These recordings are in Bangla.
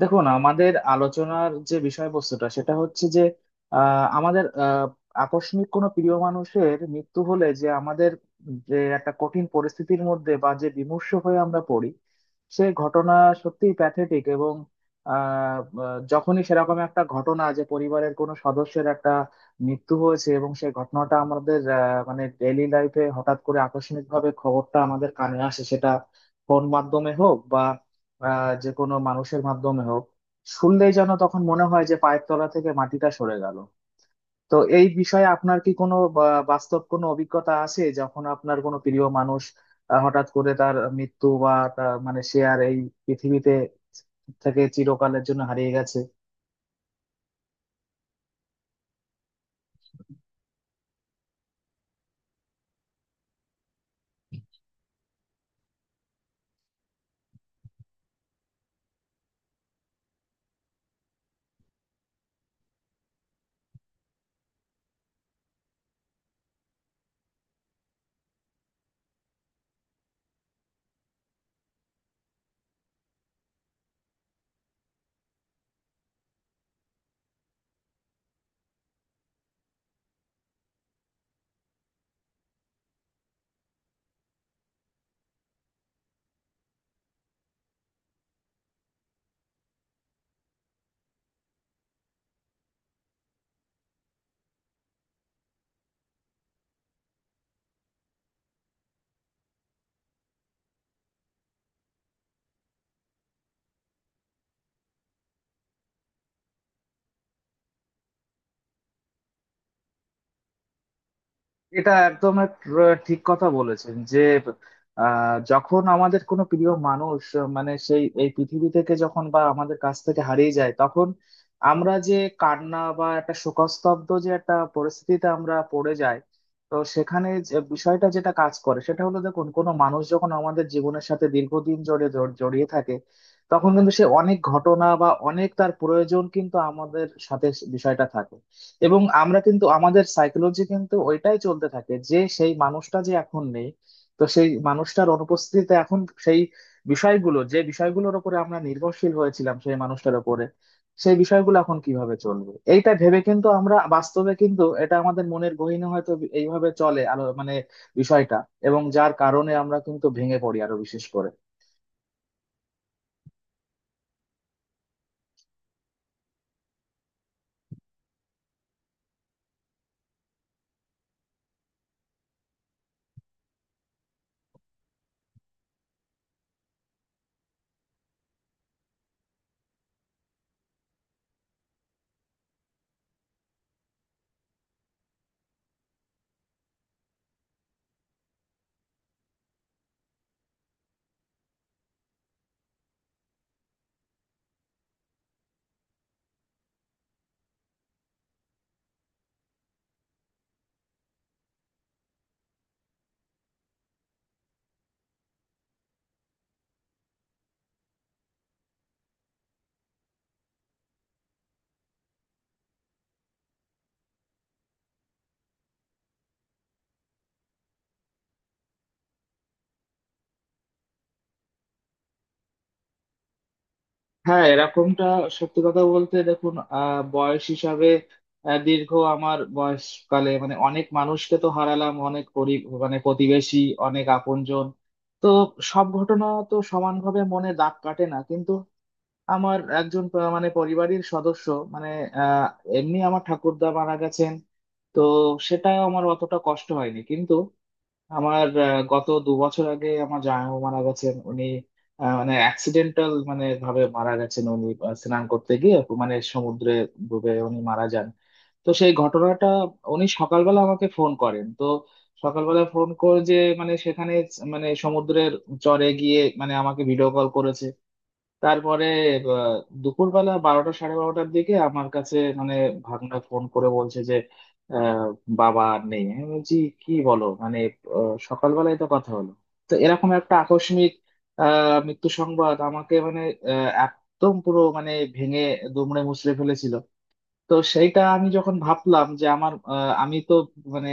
দেখুন, আমাদের আলোচনার যে বিষয়বস্তুটা সেটা হচ্ছে যে আমাদের আকস্মিক কোনো প্রিয় মানুষের মৃত্যু হলে যে আমাদের যে একটা কঠিন পরিস্থিতির মধ্যে বা যে বিমর্ষ হয়ে আমরা পড়ি, সে ঘটনা সত্যিই প্যাথেটিক। এবং আহ, আহ, যখনই সেরকম একটা ঘটনা যে পরিবারের কোনো সদস্যের একটা মৃত্যু হয়েছে এবং সেই ঘটনাটা আমাদের মানে ডেইলি লাইফে হঠাৎ করে আকস্মিক ভাবে খবরটা আমাদের কানে আসে, সেটা ফোন মাধ্যমে হোক, যে কোনো মানুষের মাধ্যমে হোক, শুনলেই যেন তখন মনে হয় যে পায়ের তলা থেকে মাটিটা সরে গেল। তো এই বিষয়ে আপনার কি কোনো বাস্তব কোনো অভিজ্ঞতা আছে, যখন আপনার কোনো প্রিয় মানুষ হঠাৎ করে তার মৃত্যু বা তার মানে সে আর এই পৃথিবীতে থেকে চিরকালের জন্য হারিয়ে গেছে? এটা একদম ঠিক কথা বলেছেন যে যখন আমাদের কোনো প্রিয় মানুষ মানে সেই এই পৃথিবী থেকে যখন বা আমাদের কাছ থেকে হারিয়ে যায়, তখন আমরা যে কান্না বা একটা শোকস্তব্ধ যে একটা পরিস্থিতিতে আমরা পড়ে যাই। তো সেখানে যে বিষয়টা যেটা কাজ করে সেটা হলো, দেখুন, কোনো মানুষ যখন আমাদের জীবনের সাথে দীর্ঘদিন জড়িয়ে জড়িয়ে থাকে, তখন কিন্তু সে অনেক ঘটনা বা অনেক তার প্রয়োজন কিন্তু আমাদের সাথে বিষয়টা থাকে। এবং আমরা কিন্তু আমাদের সাইকোলজি কিন্তু ওইটাই চলতে থাকে যে সেই মানুষটা যে এখন নেই। তো সেই মানুষটার অনুপস্থিতিতে এখন সেই বিষয়গুলো, যে বিষয়গুলোর উপরে আমরা নির্ভরশীল হয়েছিলাম সেই মানুষটার উপরে, সেই বিষয়গুলো এখন কিভাবে চলবে এইটা ভেবে কিন্তু আমরা বাস্তবে কিন্তু এটা আমাদের মনের গহীনে হয়তো এইভাবে চলে আলো মানে বিষয়টা। এবং যার কারণে আমরা কিন্তু ভেঙে পড়ি আরো বিশেষ করে। হ্যাঁ, এরকমটা সত্যি কথা বলতে, দেখুন, বয়স হিসাবে দীর্ঘ আমার বয়সকালে মানে অনেক মানুষকে তো হারালাম, অনেক পরি মানে প্রতিবেশী, অনেক আপনজন। তো সব ঘটনা তো সমানভাবে মনে দাগ কাটে না, কিন্তু আমার একজন মানে পরিবারের সদস্য মানে আহ এমনি আমার ঠাকুরদা মারা গেছেন। তো সেটাও আমার অতটা কষ্ট হয়নি, কিন্তু আমার গত 2 বছর আগে আমার জামাইবাবু মারা গেছেন। উনি মানে অ্যাক্সিডেন্টাল মানে ভাবে মারা গেছেন। উনি স্নান করতে গিয়ে মানে সমুদ্রে ডুবে উনি মারা যান। তো সেই ঘটনাটা, উনি সকালবেলা আমাকে ফোন করেন তো সকালবেলা ফোন করে যে মানে সেখানে মানে সমুদ্রের চরে গিয়ে মানে আমাকে ভিডিও কল করেছে। তারপরে আহ, দুপুরবেলা 12টা সাড়ে 12টার দিকে আমার কাছে মানে ভাগনা ফোন করে বলছে যে আহ, বাবা আর নেই। আমি বলছি, কি বলো, মানে সকালবেলায় তো কথা হলো। তো এরকম একটা আকস্মিক মৃত্যু সংবাদ আমাকে মানে একদম পুরো মানে ভেঙে দুমড়ে মুচড়ে ফেলেছিল। তো সেইটা আমি যখন ভাবলাম যে আমার আমি তো মানে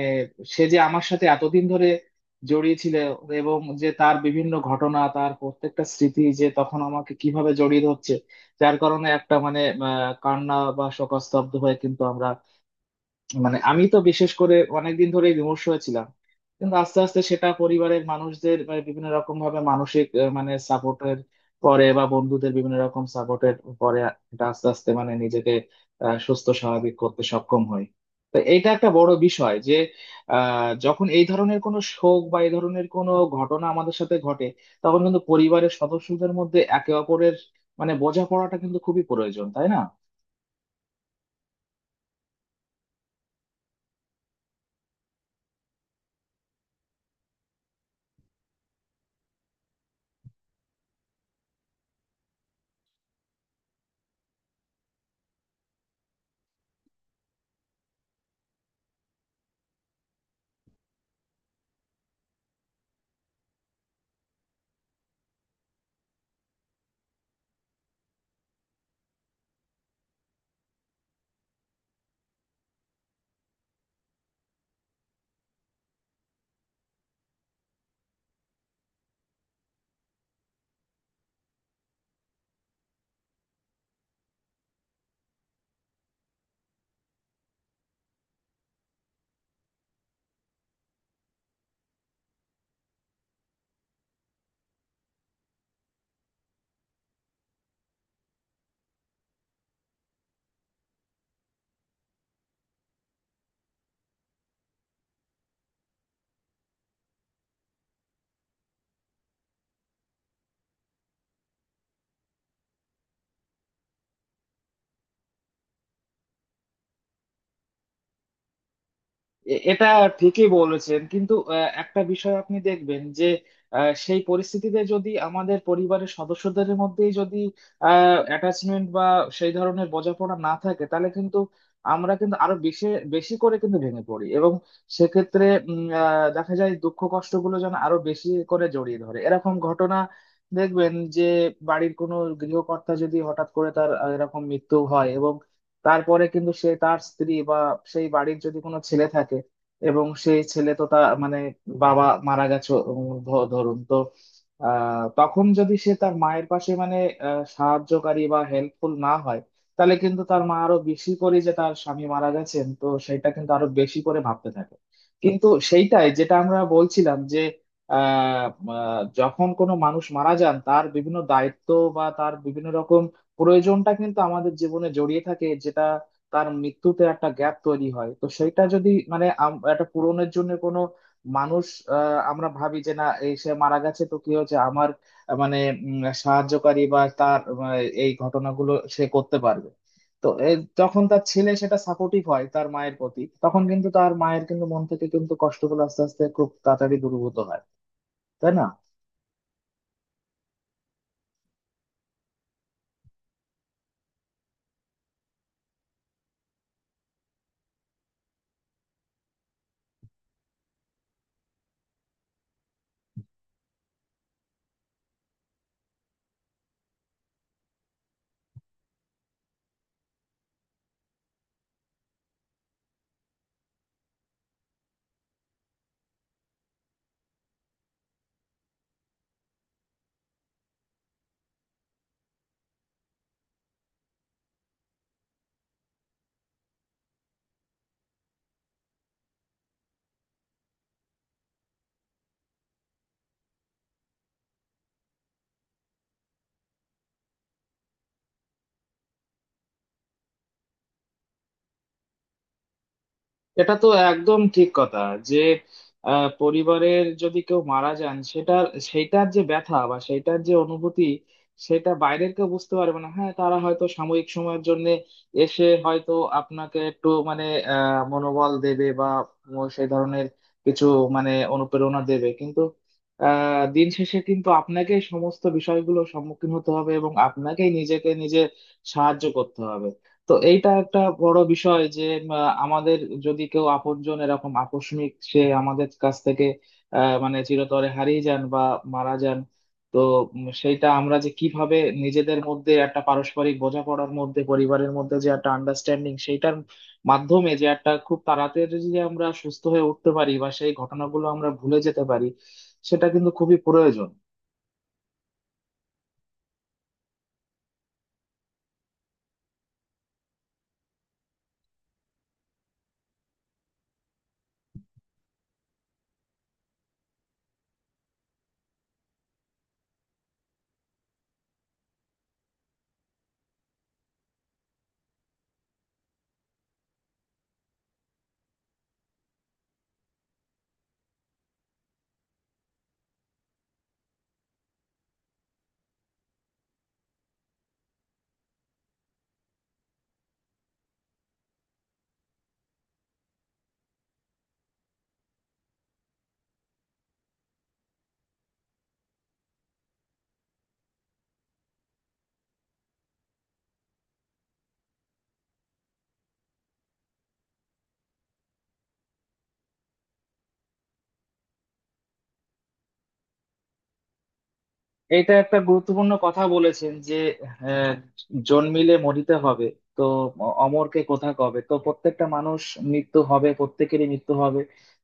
সে যে আমার সাথে এতদিন ধরে জড়িয়ে ছিল এবং যে তার বিভিন্ন ঘটনা তার প্রত্যেকটা স্মৃতি যে তখন আমাকে কিভাবে জড়িয়ে ধরছে, যার কারণে একটা মানে আহ, কান্না বা শোকস্তব্ধ হয়ে কিন্তু আমরা মানে আমি তো বিশেষ করে অনেকদিন ধরে বিমর্ষ হয়েছিলাম। কিন্তু আস্তে আস্তে সেটা পরিবারের মানুষদের মানে বিভিন্ন রকম ভাবে মানসিক মানে সাপোর্টের পরে বা বন্ধুদের বিভিন্ন রকম সাপোর্টের পরে এটা আস্তে আস্তে মানে নিজেকে সুস্থ স্বাভাবিক করতে সক্ষম হই। তো এইটা একটা বড় বিষয় যে যখন এই ধরনের কোনো শোক বা এই ধরনের কোনো ঘটনা আমাদের সাথে ঘটে, তখন কিন্তু পরিবারের সদস্যদের মধ্যে একে অপরের মানে বোঝাপড়াটা কিন্তু খুবই প্রয়োজন, তাই না? এটা ঠিকই বলেছেন, কিন্তু একটা বিষয় আপনি দেখবেন যে সেই পরিস্থিতিতে যদি আমাদের পরিবারের সদস্যদের মধ্যেই যদি অ্যাটাচমেন্ট বা সেই ধরনের বোঝাপড়া না থাকে, তাহলে কিন্তু আমরা কিন্তু আরো বেশি বেশি করে কিন্তু ভেঙে পড়ি। এবং সেক্ষেত্রে দেখা যায় দুঃখ কষ্টগুলো যেন আরো বেশি করে জড়িয়ে ধরে। এরকম ঘটনা দেখবেন যে বাড়ির কোনো গৃহকর্তা যদি হঠাৎ করে তার এরকম মৃত্যু হয় এবং তারপরে কিন্তু সে তার স্ত্রী বা সেই বাড়ির যদি কোনো ছেলে থাকে, এবং সেই ছেলে তো তার মানে বাবা মারা গেছে, ধরুন তো, তখন যদি সে তার মায়ের পাশে মানে সাহায্যকারী বা হেল্পফুল না হয়, তাহলে কিন্তু তার মা আরো বেশি করে যে তার স্বামী মারা গেছেন তো সেটা কিন্তু আরো বেশি করে ভাবতে থাকে। কিন্তু সেইটাই যেটা আমরা বলছিলাম যে আহ আহ, যখন কোনো মানুষ মারা যান তার বিভিন্ন দায়িত্ব বা তার বিভিন্ন রকম প্রয়োজনটা কিন্তু আমাদের জীবনে জড়িয়ে থাকে, যেটা তার মৃত্যুতে একটা গ্যাপ তৈরি হয়। তো সেটা যদি মানে একটা পূরণের জন্য কোনো মানুষ আমরা ভাবি যে না, এই সে মারা গেছে তো কি হয়েছে, আমার মানে সাহায্যকারী বা তার এই ঘটনাগুলো সে করতে পারবে। তো যখন তার ছেলে সেটা সাপোর্টিভ হয় তার মায়ের প্রতি, তখন কিন্তু তার মায়ের কিন্তু মন থেকে কিন্তু কষ্টগুলো আস্তে আস্তে খুব তাড়াতাড়ি দূরীভূত হয়, তাই না? এটা তো একদম ঠিক কথা যে পরিবারের যদি কেউ মারা যান সেটা, সেটার যে ব্যথা বা সেটার যে অনুভূতি, সেটা বাইরের কেউ বুঝতে পারবে না। হ্যাঁ, তারা হয়তো সাময়িক সময়ের জন্য এসে হয়তো আপনাকে একটু মানে মনোবল দেবে বা সেই ধরনের কিছু মানে অনুপ্রেরণা দেবে, কিন্তু দিন শেষে কিন্তু আপনাকেই সমস্ত বিষয়গুলো সম্মুখীন হতে হবে এবং আপনাকেই নিজেকে নিজে সাহায্য করতে হবে। তো এইটা একটা বড় বিষয় যে আমাদের যদি কেউ আপনজন এরকম আকস্মিক সে আমাদের কাছ থেকে মানে চিরতরে হারিয়ে যান বা মারা যান, তো সেইটা আমরা যে কিভাবে নিজেদের মধ্যে একটা পারস্পরিক বোঝাপড়ার মধ্যে পরিবারের মধ্যে যে একটা আন্ডারস্ট্যান্ডিং, সেইটার মাধ্যমে যে একটা খুব তাড়াতাড়ি যদি আমরা সুস্থ হয়ে উঠতে পারি বা সেই ঘটনাগুলো আমরা ভুলে যেতে পারি, সেটা কিন্তু খুবই প্রয়োজন। এটা একটা গুরুত্বপূর্ণ কথা বলেছেন যে আহ, জন্মিলে মরিতে হবে। তো অমরকে কোথা কবে, তো প্রত্যেকটা মানুষ মৃত্যু হবে, প্রত্যেকেরই মৃত্যু হবে।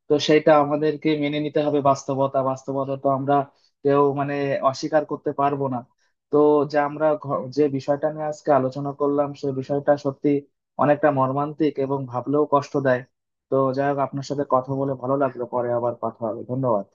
তো সেটা আমাদেরকে মেনে নিতে হবে, বাস্তবতা, বাস্তবতা তো আমরা কেউ মানে অস্বীকার করতে পারবো না। তো যে আমরা যে বিষয়টা নিয়ে আজকে আলোচনা করলাম, সেই বিষয়টা সত্যি অনেকটা মর্মান্তিক এবং ভাবলেও কষ্ট দেয়। তো যাই হোক, আপনার সাথে কথা বলে ভালো লাগলো, পরে আবার কথা হবে, ধন্যবাদ।